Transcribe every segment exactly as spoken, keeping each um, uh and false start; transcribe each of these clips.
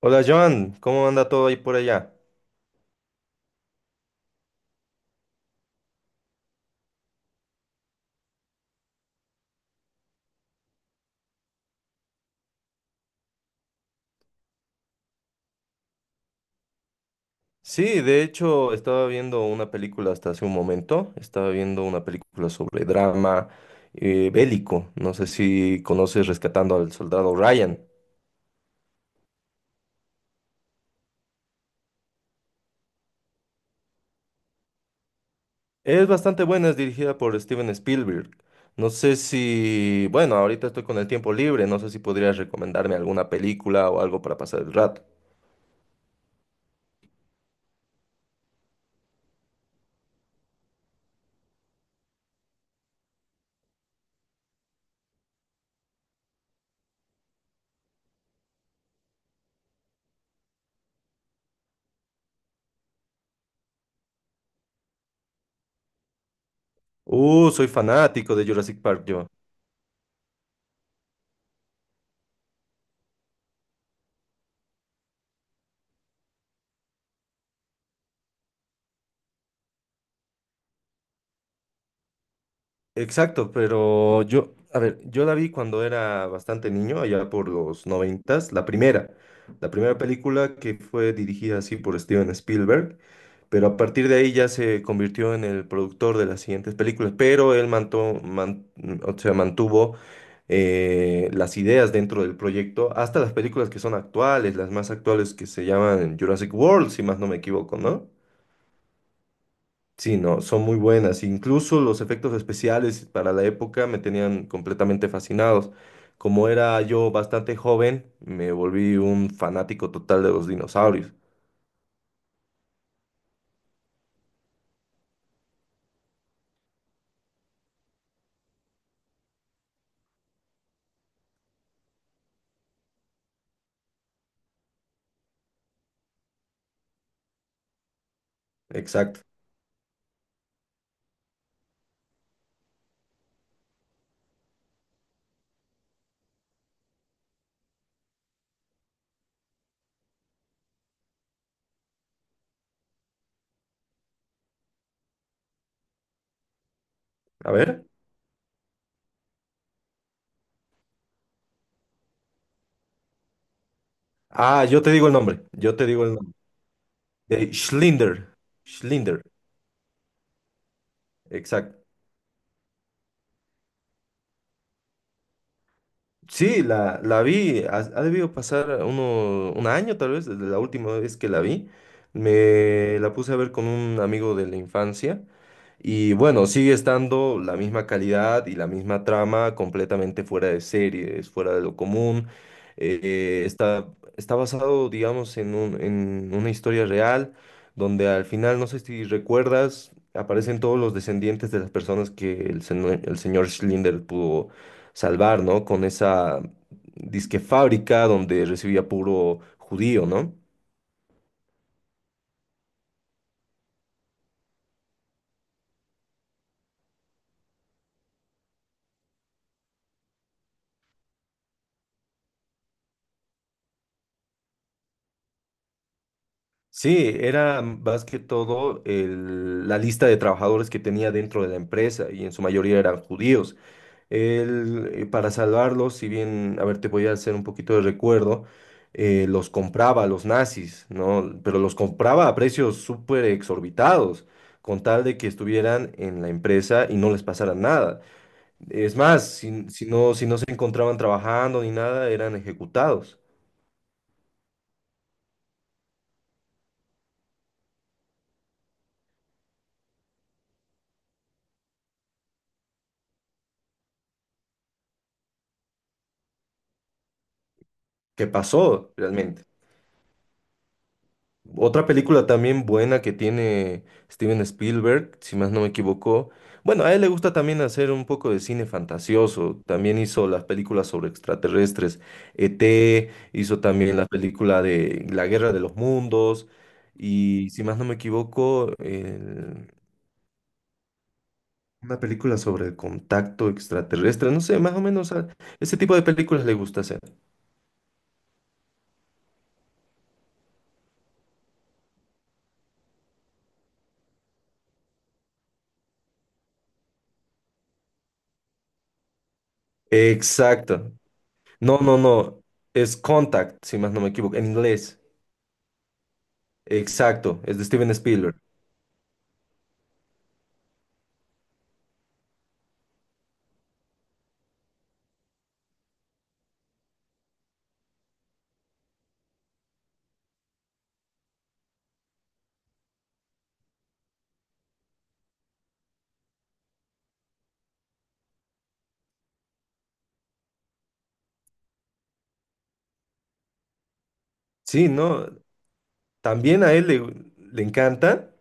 Hola Joan, ¿cómo anda todo ahí por allá? Sí, de hecho estaba viendo una película hasta hace un momento, estaba viendo una película sobre drama eh, bélico, no sé si conoces Rescatando al Soldado Ryan. Es bastante buena, es dirigida por Steven Spielberg. No sé si, bueno, ahorita estoy con el tiempo libre, no sé si podrías recomendarme alguna película o algo para pasar el rato. Uh, soy fanático de Jurassic Park, yo. Exacto, pero yo, a ver, yo la vi cuando era bastante niño, allá por los noventas, la primera, la primera película que fue dirigida así por Steven Spielberg, pero a partir de ahí ya se convirtió en el productor de las siguientes películas, pero él mantuvo, o sea, mantuvo eh, las ideas dentro del proyecto hasta las películas que son actuales, las más actuales que se llaman Jurassic World, si más no me equivoco, ¿no? Sí, no, son muy buenas. Incluso los efectos especiales para la época me tenían completamente fascinados. Como era yo bastante joven, me volví un fanático total de los dinosaurios. Exacto. A ver. Ah, yo te digo el nombre. Yo te digo el nombre. De Schlinder. Schlinder. Exacto. Sí, la, la vi, ha, ha debido pasar uno, un año tal vez desde la última vez que la vi. Me la puse a ver con un amigo de la infancia y bueno, sigue estando la misma calidad y la misma trama completamente fuera de serie, es fuera de lo común. Eh, está, está basado, digamos, en un- en una historia real donde al final, no sé si recuerdas, aparecen todos los descendientes de las personas que el, seno- el señor Schlinder pudo salvar, ¿no? Con esa disque fábrica donde recibía puro judío, ¿no? Sí, era más que todo el- la lista de trabajadores que tenía dentro de la empresa y en su mayoría eran judíos. Él, eh, para salvarlos, si bien, a ver, te voy a hacer un poquito de recuerdo, eh, los compraba a los nazis, ¿no? Pero los compraba a precios súper exorbitados, con tal de que estuvieran en la empresa y no les pasara nada. Es más, si, si no, si no se encontraban trabajando ni nada, eran ejecutados. ¿Qué pasó realmente? Otra película también buena que tiene Steven Spielberg, si más no me equivoco. Bueno, a él le gusta también hacer un poco de cine fantasioso. También hizo las películas sobre extraterrestres. E T, hizo también la película de La Guerra de los Mundos. Y si más no me equivoco, una película sobre el contacto extraterrestre, no sé, más o menos a ese tipo de películas le gusta hacer. Exacto. No, no, no. Es Contact, si más no me equivoco, en inglés. Exacto, es de Steven Spielberg. Sí, no, también a él le, le encanta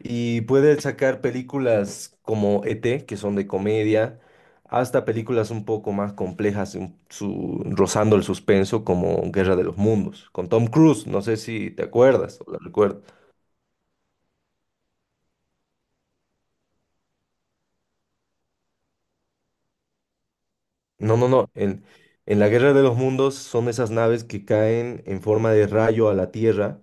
y puede sacar películas como E T, que son de comedia, hasta películas un poco más complejas, un- su- rozando el suspenso, como Guerra de los Mundos, con Tom Cruise, no sé si te acuerdas o la recuerdas. No, no, no. En, en la Guerra de los Mundos son esas naves que caen en forma de rayo a la Tierra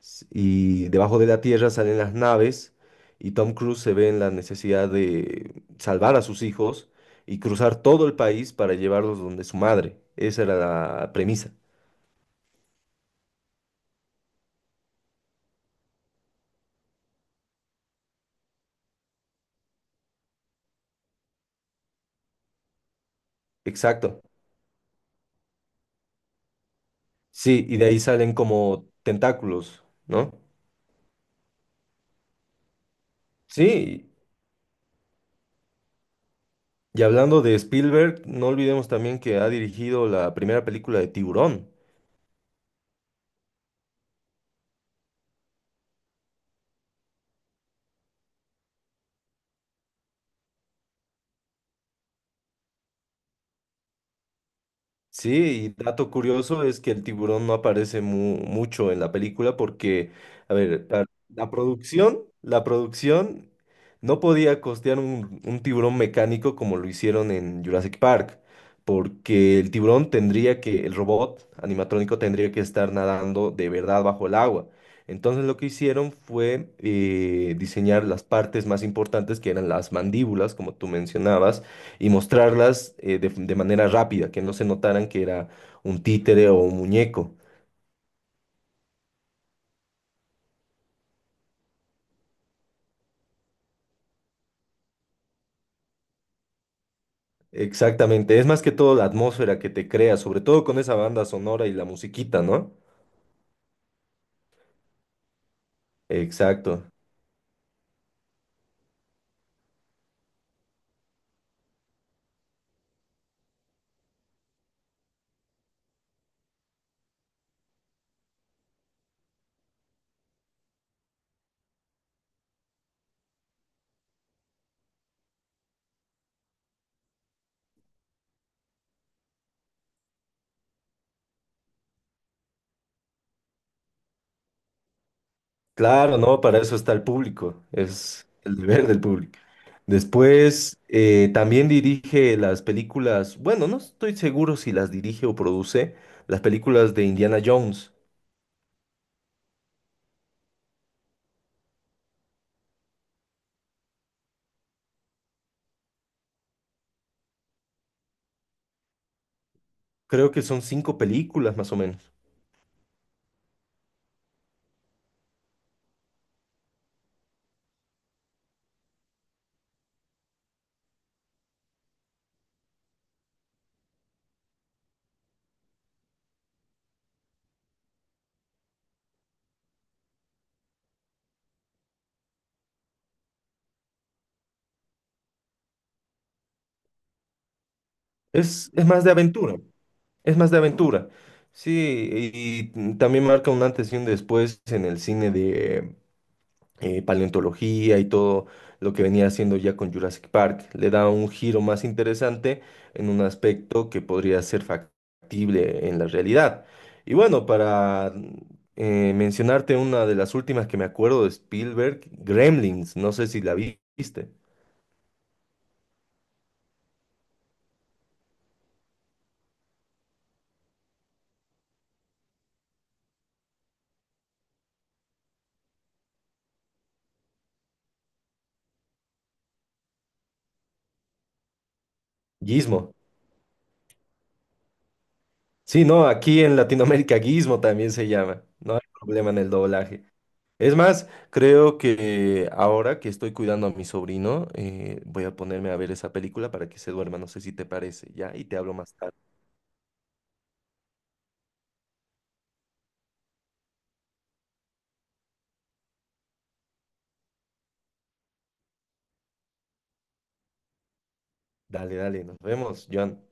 s- y debajo de la Tierra salen las naves y Tom Cruise se ve en la necesidad de salvar a sus hijos y cruzar todo el país para llevarlos donde su madre. Esa era la premisa. Exacto. Sí, y de ahí salen como tentáculos, ¿no? Sí, y hablando de Spielberg, no olvidemos también que ha dirigido la primera película de Tiburón. Sí, y dato curioso es que el tiburón no aparece mu- mucho en la película porque, a ver, la, la producción, la producción no podía costear un, un tiburón mecánico como lo hicieron en Jurassic Park, porque el tiburón tendría que, el robot animatrónico tendría que estar nadando de verdad bajo el agua. Entonces lo que hicieron fue eh, diseñar las partes más importantes que eran las mandíbulas, como tú mencionabas y mostrarlas eh, de, de manera rápida, que no se notaran que era un títere o un muñeco. Exactamente, es más que todo la atmósfera que te crea, sobre todo con esa banda sonora y la musiquita, ¿no? Exacto. Claro, ¿no? Para eso está el público, es el deber del público. Después, eh, también dirige las películas, bueno, no estoy seguro si las dirige o produce, las películas de Indiana Jones. Creo que son cinco películas más o menos. Es, es más de aventura. Es más de aventura. Sí, y y también marca un antes y un después en el cine de eh, paleontología y todo lo que venía haciendo ya con Jurassic Park. Le da un giro más interesante en un aspecto que podría ser factible en la realidad. Y bueno, para eh, mencionarte una de las últimas que me acuerdo de Spielberg, Gremlins, no sé si la vi- viste. Gizmo. Sí, no, aquí en Latinoamérica Gizmo también se llama. No hay problema en el doblaje. Es más, creo que ahora que estoy cuidando a mi sobrino, eh, voy a ponerme a ver esa película para que se duerma. No sé si te parece, ¿ya? Y te hablo más tarde. Dale, dale, nos vemos, Joan.